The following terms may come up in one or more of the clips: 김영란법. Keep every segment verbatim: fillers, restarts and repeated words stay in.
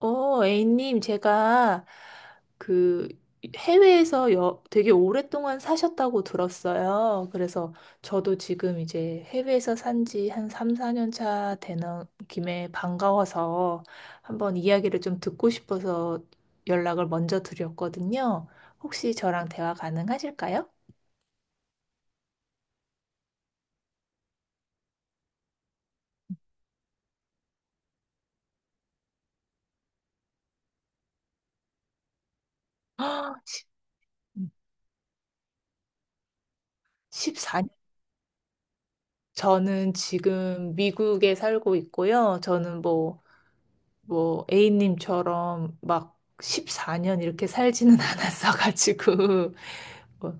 어, A님, 제가 그 해외에서 여, 되게 오랫동안 사셨다고 들었어요. 그래서 저도 지금 이제 해외에서 산지 한 삼, 사 년 차 되는 김에 반가워서 한번 이야기를 좀 듣고 싶어서 연락을 먼저 드렸거든요. 혹시 저랑 대화 가능하실까요? 아, 십사 년. 저는 지금 미국에 살고 있고요. 저는 뭐 뭐 A님처럼 막 십사 년 이렇게 살지는 않았어가지고 뭐,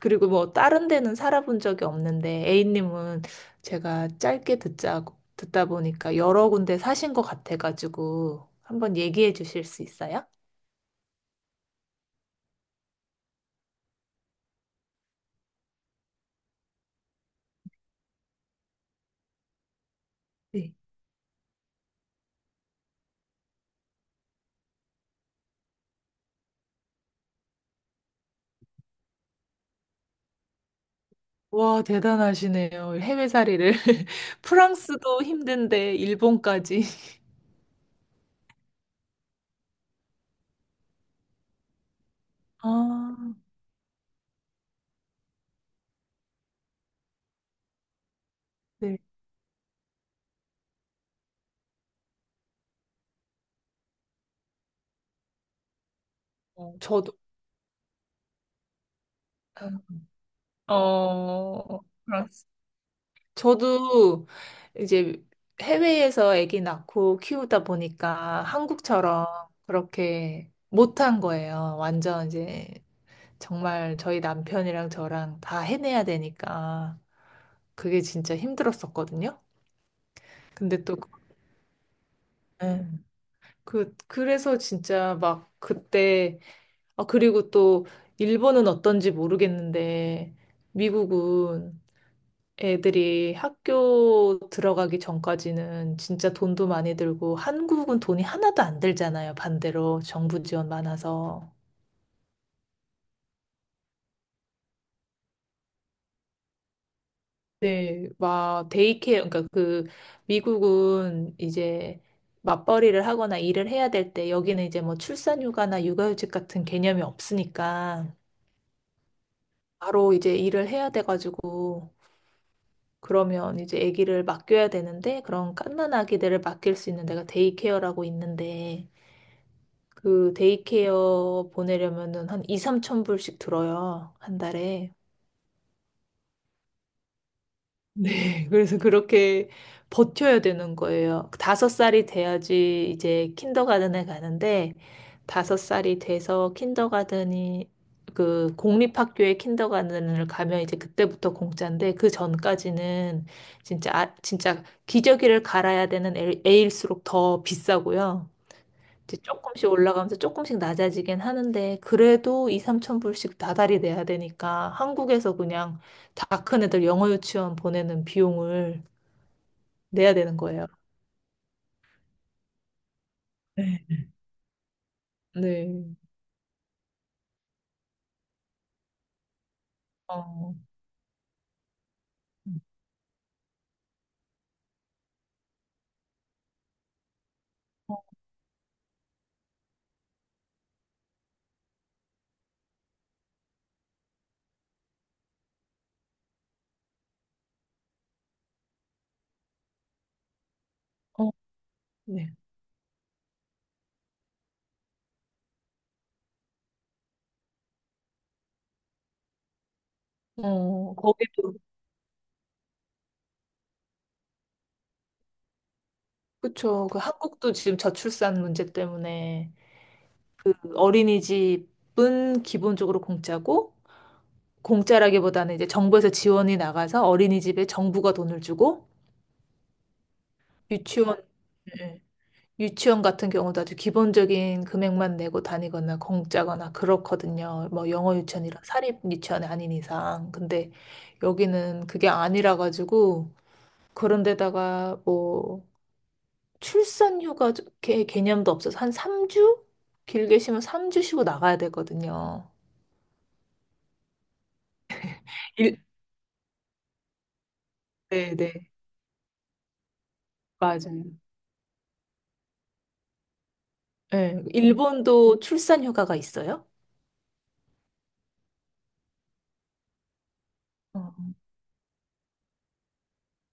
그리고 뭐 다른 데는 살아본 적이 없는데 A님은 제가 짧게 듣자 듣다 보니까 여러 군데 사신 것 같아가지고 한번 얘기해 주실 수 있어요? 네. 와, 대단하시네요. 해외살이를. 프랑스도 힘든데, 일본까지. 아, 네. 어, 저도. 어, 저도 이제 해외에서 아기 낳고 키우다 보니까 한국처럼 그렇게 못한 거예요. 완전 이제 정말 저희 남편이랑 저랑 다 해내야 되니까 그게 진짜 힘들었었거든요. 근데 또 그- 네. 그, 그래서 진짜 막 그때, 아, 그리고 또 일본은 어떤지 모르겠는데 미국은 애들이 학교 들어가기 전까지는 진짜 돈도 많이 들고 한국은 돈이 하나도 안 들잖아요. 반대로 정부 지원 많아서. 네, 막 데이케어. 그러니까 그 미국은 이제 맞벌이를 하거나 일을 해야 될 때 여기는 이제 뭐 출산휴가나 육아휴직 같은 개념이 없으니까 바로 이제 일을 해야 돼가지고, 그러면 이제 아기를 맡겨야 되는데 그런 갓난 아기들을 맡길 수 있는 데가 데이케어라고 있는데, 그 데이케어 보내려면은 한 이, 삼천 불씩 들어요. 한 달에. 네. 그래서 그렇게 버텨야 되는 거예요. 다섯 살이 돼야지 이제 킨더가든에 가는데, 다섯 살이 돼서 킨더가든이, 그 공립학교의 킨더가든을 가면 이제 그때부터 공짜인데, 그 전까지는 진짜 아- 진짜 기저귀를 갈아야 되는 애- 애일수록 더 비싸고요. 이제 조금씩 올라가면서 조금씩 낮아지긴 하는데, 그래도 이, 삼천 불씩 다달이 내야 되니까 한국에서 그냥 다 큰 애들 영어 유치원 보내는 비용을 내야 되는 거예요. 네. 네. 어. 어, 네. 어, 거기도. 그쵸. 그 한국도 지금 저출산 문제 때문에 그 어린이집은 기본적으로 공짜고, 공짜라기보다는 이제 정부에서 지원이 나가서 어린이집에 정부가 돈을 주고. 유치원 네. 유치원 같은 경우도 아주 기본적인 금액만 내고 다니거나 공짜거나 그렇거든요. 뭐 영어 유치원이라 사립 유치원이 아닌 이상. 근데 여기는 그게 아니라 가지고, 그런 데다가 뭐 출산 휴가 개- 개념도 없어서 한 삼 주? 길게 쉬면 삼 주 쉬고 나가야 되거든요. 일, 네, 네. 맞아요. 네, 일본도 출산 휴가가 있어요? 어,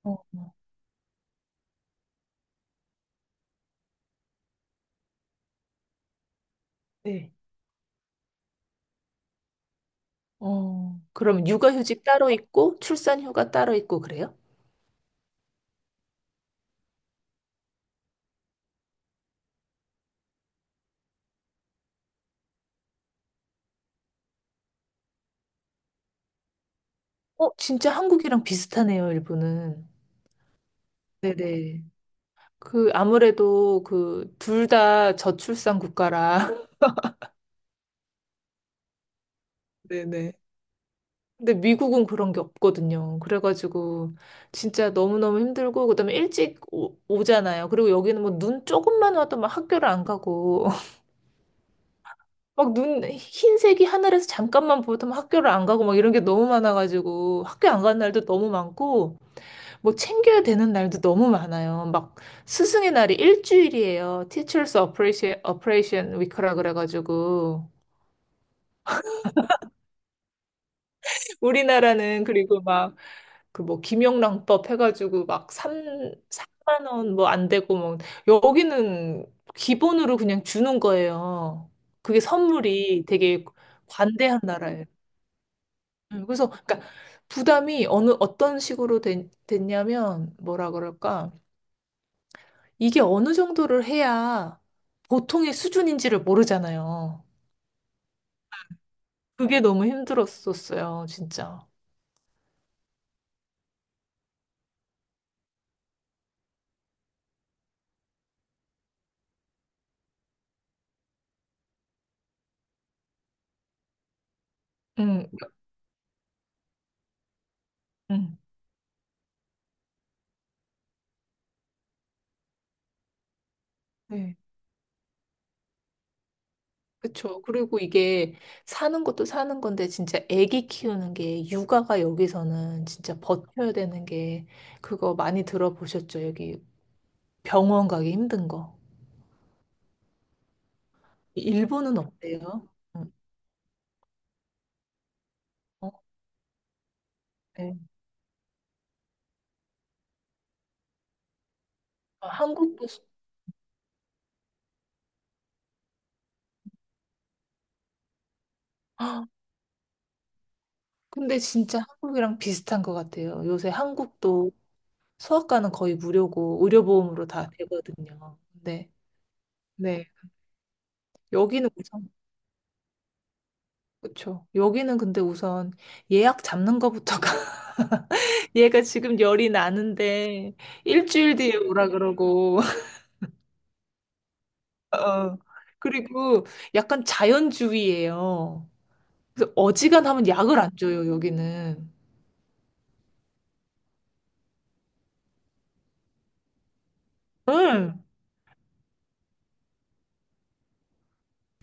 어, 어. 네. 어, 그럼 육아휴직 따로 있고 출산휴가 따로 있고 그래요? 어, 진짜 한국이랑 비슷하네요, 일본은. 네네. 그, 아무래도 그, 둘 다 저출산 국가라. 네네. 근데 미국은 그런 게 없거든요. 그래가지고, 진짜 너무너무 힘들고, 그다음에 일찍 오, 오잖아요. 그리고 여기는 뭐 눈 조금만 와도 막 학교를 안 가고, 막 눈, 흰색이 하늘에서 잠깐만 보여도 막 학교를 안 가고, 막 이런 게 너무 많아가지고, 학교 안 가는 날도 너무 많고, 뭐 챙겨야 되는 날도 너무 많아요. 막 스승의 날이 일주일이에요. Teachers Appreciation Appreciation Week라 그래가지고 우리나라는 그리고 막 그 뭐 김영란법 해가지고 막 삼 삼만 원 뭐 안 되고, 뭐 여기는 기본으로 그냥 주는 거예요. 그게 선물이 되게 관대한 나라예요. 음, 그래서 그러니까 부담이 어느 어떤 식으로 된- 됐냐면 뭐라 그럴까? 이게 어느 정도를 해야 보통의 수준인지를 모르잖아요. 그게 너무 힘들었었어요, 진짜. 응, 응. 네. 그쵸. 그리고 이게 사는 것도 사는 건데, 진짜 아기 키우는 게, 육아가 여기서는 진짜 버텨야 되는 게, 그거 많이 들어보셨죠? 여기 병원 가기 힘든 거. 일본은 어때요? 음, 어, 네. 아, 한국도, 수- 근데 진짜 한국이랑 비슷한 것 같아요. 요새 한국도 소아과는 거의 무료고 의료보험으로 다 되거든요. 근데 네. 여기는 우선. 그렇죠. 여기는 근데 우선 예약 잡는 거부터가 얘가 지금 열이 나는데 일주일 뒤에 오라 그러고. 어. 그리고 약간 자연주의예요. 그래서 어지간하면 약을 안 줘요, 여기는. 응.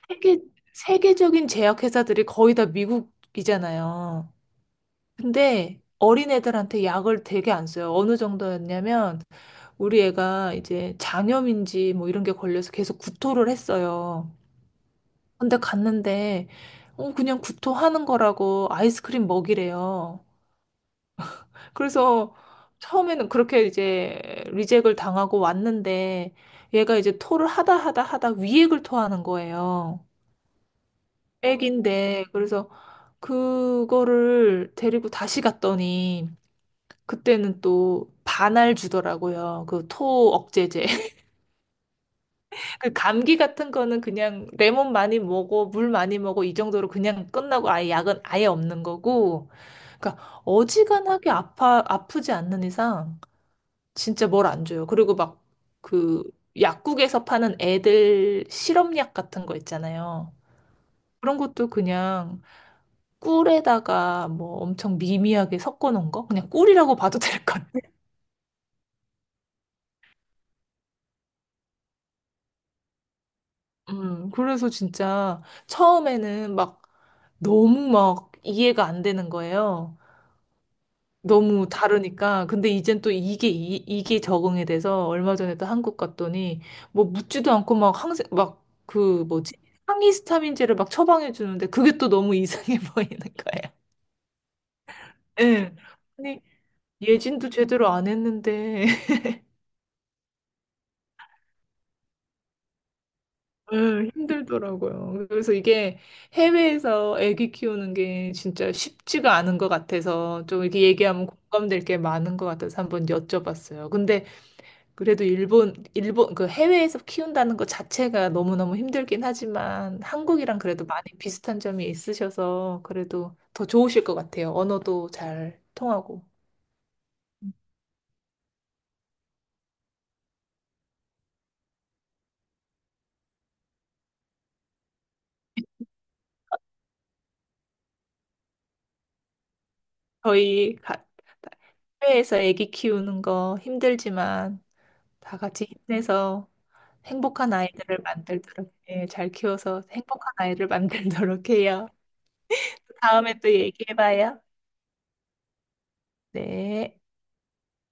세계 세계적인 제약회사들이 거의 다 미국이잖아요. 근데 어린애들한테 약을 되게 안 써요. 어느 정도였냐면 우리 애가 이제 장염인지 뭐 이런 게 걸려서 계속 구토를 했어요. 근데 갔는데, 어, 그냥 구토하는 거라고 아이스크림 먹이래요. 그래서 처음에는 그렇게 이제 리젝을 당하고 왔는데, 얘가 이제 토를 하다 하다 하다 위액을 토하는 거예요. 애기인데, 그래서 그거를 데리고 다시 갔더니, 그때는 또 반알 주더라고요. 그 토 억제제. 그 감기 같은 거는 그냥 레몬 많이 먹어, 물 많이 먹어 이 정도로 그냥 끝나고 아예 약은 아예 없는 거고. 그러니까 어지간하게 아파 아프지 않는 이상 진짜 뭘 안 줘요. 그리고 막 그 약국에서 파는 애들 실험약 같은 거 있잖아요. 그런 것도 그냥 꿀에다가 뭐 엄청 미미하게 섞어 놓은 거? 그냥 꿀이라고 봐도 될 것 같아요. 음, 그래서 진짜 처음에는 막 너무 막 이해가 안 되는 거예요. 너무 다르니까. 근데 이젠 또 이게, 이, 이게 적응이 돼서 얼마 전에 또 한국 갔더니 뭐 묻지도 않고 막 항생, 막 그 뭐지? 항히스타민제를 막 처방해 주는데 그게 또 너무 이상해 보이는 거예요. 예. 아니, 예진도 제대로 안 했는데 예, 힘들더라고요. 그래서 이게 해외에서 아기 키우는 게 진짜 쉽지가 않은 것 같아서 좀 이렇게 얘기하면 공감될 게 많은 것 같아서 한번 여쭤봤어요. 근데 그래도 일본, 일본, 그 해외에서 키운다는 것 자체가 너무너무 힘들긴 하지만 한국이랑 그래도 많이 비슷한 점이 있으셔서 그래도 더 좋으실 것 같아요. 언어도 잘 통하고. 저희 가- 해외에서 아기 키우는 거 힘들지만 다 같이 힘내서 행복한 아이들을 만들도록, 예, 잘 키워서 행복한 아이를 만들도록 해요. 다음에 또 얘기해봐요. 네.